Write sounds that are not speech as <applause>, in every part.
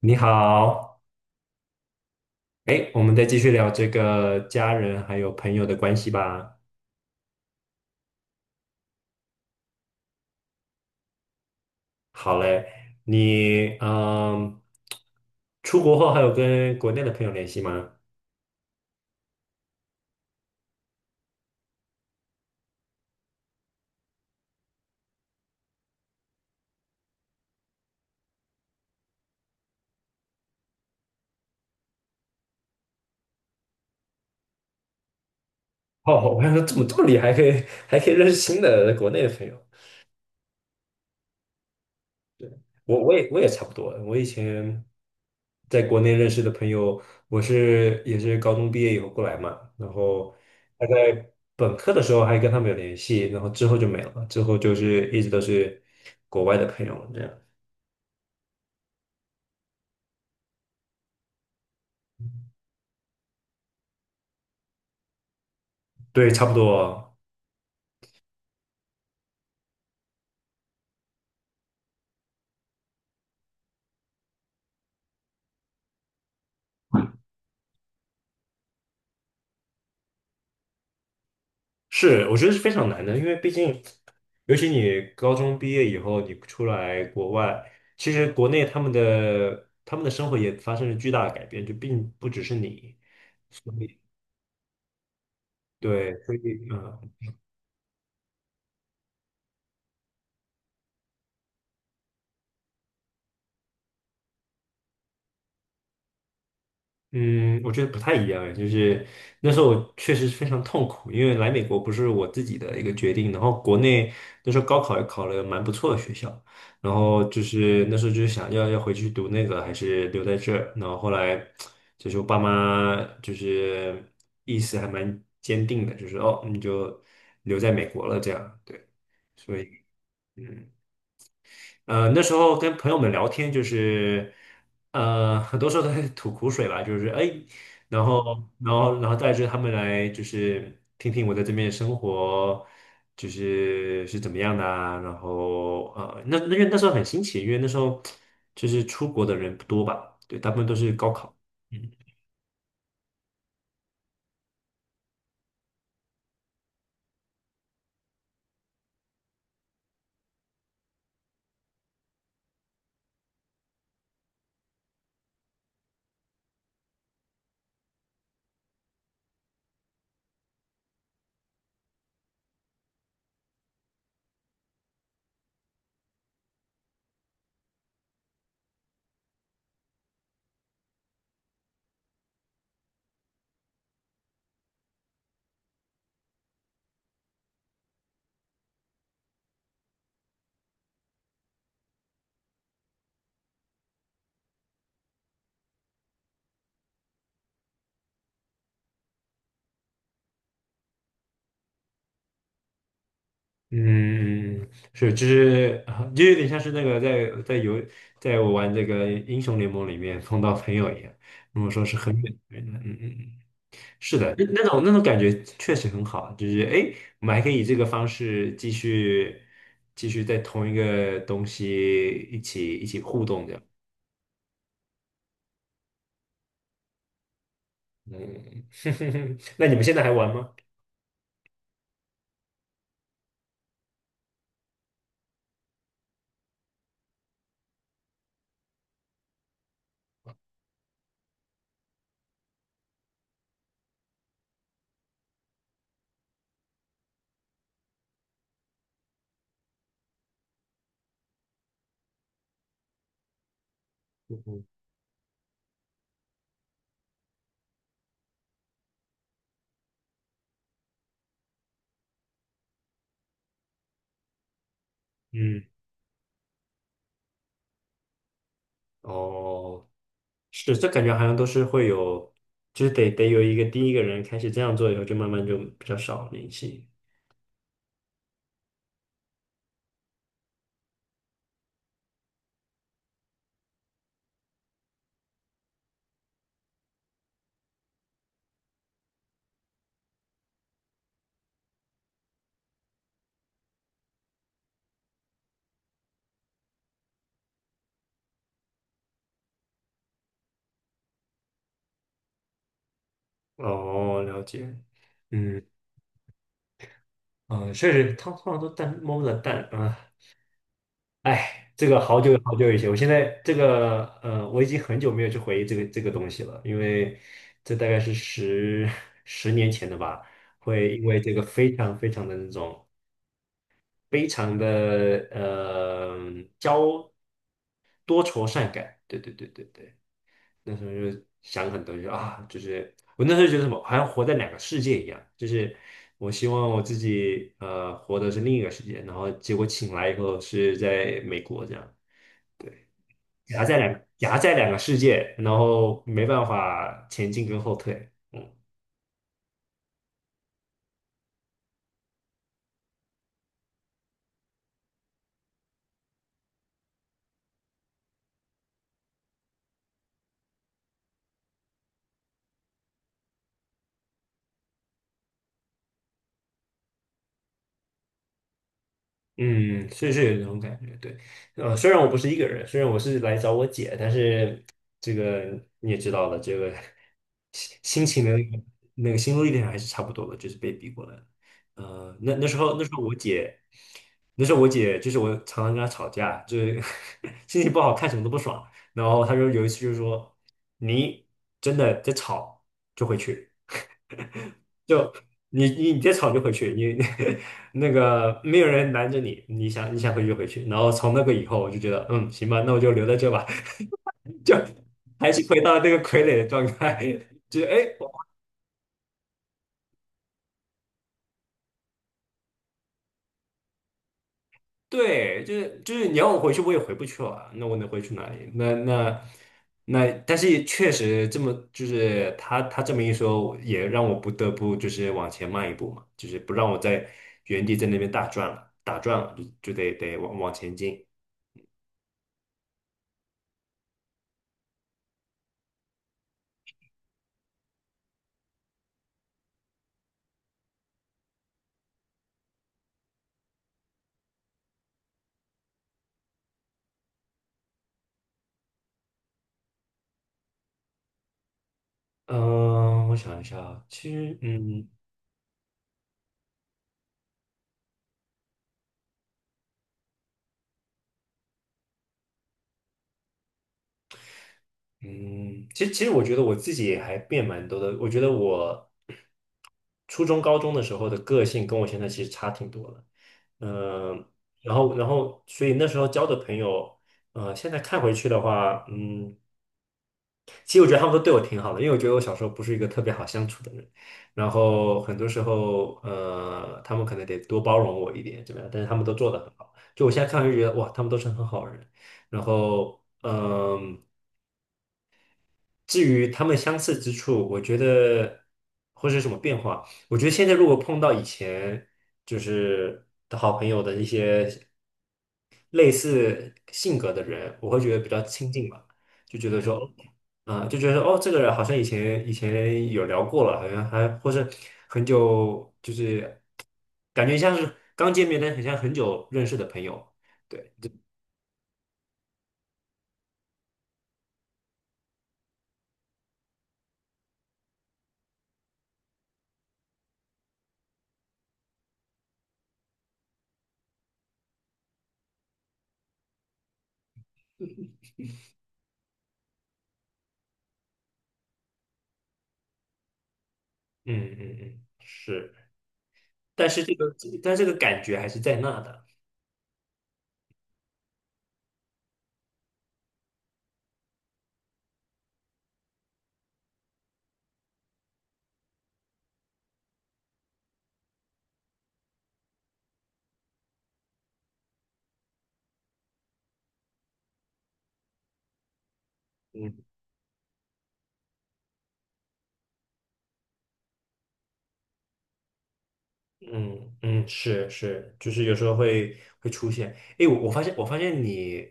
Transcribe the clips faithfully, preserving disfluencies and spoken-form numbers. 你好。哎，我们再继续聊这个家人还有朋友的关系吧。好嘞，你嗯，出国后还有跟国内的朋友联系吗？哦，我还说怎么这么厉害，还可以还可以认识新的国内的朋友。我我也我也差不多。我以前在国内认识的朋友，我是也是高中毕业以后过来嘛，然后大概本科的时候还跟他们有联系，然后之后就没了，之后就是一直都是国外的朋友这样。对，差不多是。我觉得是非常难的，因为毕竟，尤其你高中毕业以后，你出来国外，其实国内他们的他们的生活也发生了巨大的改变，就并不只是你，所以对，所以嗯。嗯，我觉得不太一样哎。就是那时候我确实非常痛苦，因为来美国不是我自己的一个决定，然后国内那时候高考也考了蛮不错的学校，然后就是那时候就是想要要回去读那个还是留在这儿，然后后来就是我爸妈就是意思还蛮坚定的，就是哦你就留在美国了这样，对，所以。嗯。呃，那时候跟朋友们聊天，就是呃，很多时候都在吐苦水吧，就是哎，然后，然后，然后带着他们来，就是听听我在这边的生活，就是是怎么样的啊，然后呃，那那因为那时候很新奇，因为那时候就是出国的人不多吧。对，大部分都是高考。嗯嗯，是，就是啊就有点像是那个在在游，在我玩这个英雄联盟里面碰到朋友一样，如果说是很远的人，嗯嗯嗯，是的。那那种那种感觉确实很好，就是诶，我们还可以以这个方式继续继续在同一个东西一起一起互动这样。嗯。<laughs> 那你们现在还玩吗？嗯，嗯哦，是，这感觉好像都是会有，就是得得有一个第一个人开始这样做以后，就慢慢就比较少联系。哦，了解。嗯嗯，确实，他通常都蛋摸不着蛋啊。哎，这个好久好久以前，我现在这个呃，我已经很久没有去回忆这个这个东西了，因为这大概是十 <laughs> 十年前的吧。会因为这个非常非常的那种非常的呃交多愁善感，对对对对对。那时候就想很多，就啊，就是我那时候觉得什么，好像活在两个世界一样，就是我希望我自己呃活的是另一个世界，然后结果醒来以后是在美国这样，夹在两夹在两个世界，然后没办法前进跟后退，嗯。嗯，是是有这种感觉，对。呃，虽然我不是一个人，虽然我是来找我姐，但是这个你也知道的，这个心心情的那个那个心路历程还是差不多的，就是被逼过来的。呃，那那时候那时候我姐，那时候我姐就是我常常跟她吵架，就是 <laughs> 心情不好看什么都不爽，然后她就有一次就是说你真的在吵就回去。就你你你再吵就回去，你你 <laughs> 那个没有人拦着你，你想你想回去就回去。然后从那个以后，我就觉得嗯行吧，那我就留在这吧，<laughs> 就还是回到那个傀儡的状态。<laughs> 就是哎，我对，就是就是你要我回去，我也回不去了，那我能回去哪里？那那那，但是确实这么就是他他这么一说，也让我不得不就是往前迈一步嘛，就是不让我在原地在那边打转了，打转了就就得得往往前进。嗯，我想一下啊，其实，嗯嗯，其实其实我觉得我自己也还变蛮多的。我觉得我初中、高中的时候的个性跟我现在其实差挺多的。嗯，然后然后，所以那时候交的朋友，呃，现在看回去的话，嗯。其实我觉得他们都对我挺好的，因为我觉得我小时候不是一个特别好相处的人，然后很多时候，呃，他们可能得多包容我一点，怎么样？但是他们都做得很好，就我现在看就觉得哇，他们都是很好的人。然后，嗯、至于他们相似之处，我觉得或是什么变化，我觉得现在如果碰到以前就是的好朋友的一些类似性格的人，我会觉得比较亲近吧，就觉得说，啊、就觉得说哦，这个人好像以前以前有聊过了，好像还或是很久，就是感觉像是刚见面，但很像很久认识的朋友。对，嗯嗯嗯，是，但是这个但这个感觉还是在那的。嗯。嗯嗯，是是，就是有时候会会出现。哎，我我发现我发现你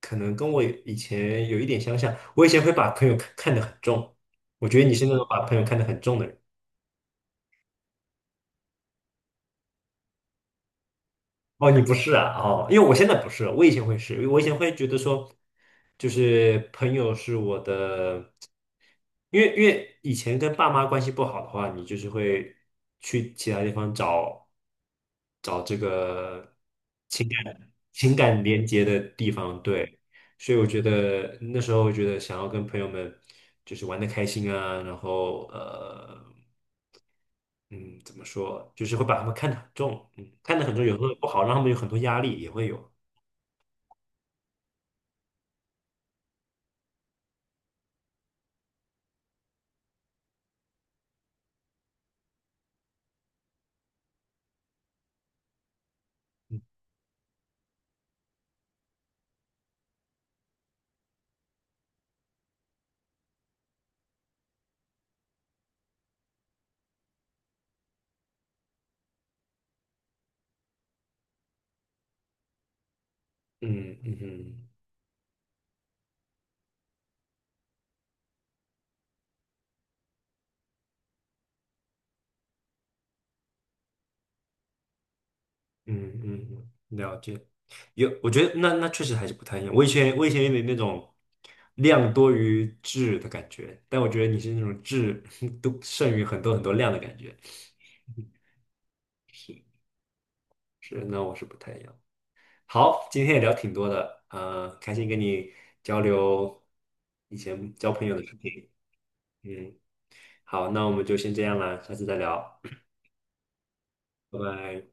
可能跟我以前有一点相像，我以前会把朋友看看得很重，我觉得你是那种把朋友看得很重的人。哦，你不是啊？哦，因为我现在不是，我以前会是，我以前会觉得说，就是朋友是我的，因为因为以前跟爸妈关系不好的话，你就是会去其他地方找找这个情感情感连接的地方，对。所以我觉得那时候我觉得想要跟朋友们就是玩的开心啊，然后呃。嗯，怎么说，就是会把他们看得很重。嗯，看得很重，有嗯时候不好，让他们有很多压力，也会有。嗯嗯嗯嗯嗯，嗯了解。有，我觉得那那确实还是不太一样，我以前我以前有点那种量多于质的感觉，但我觉得你是那种质 <laughs> 都胜于很多很多量的感觉。是，那我是不太一样。好，今天也聊挺多的，呃，开心跟你交流以前交朋友的事情。嗯，好，那我们就先这样啦，下次再聊，拜拜。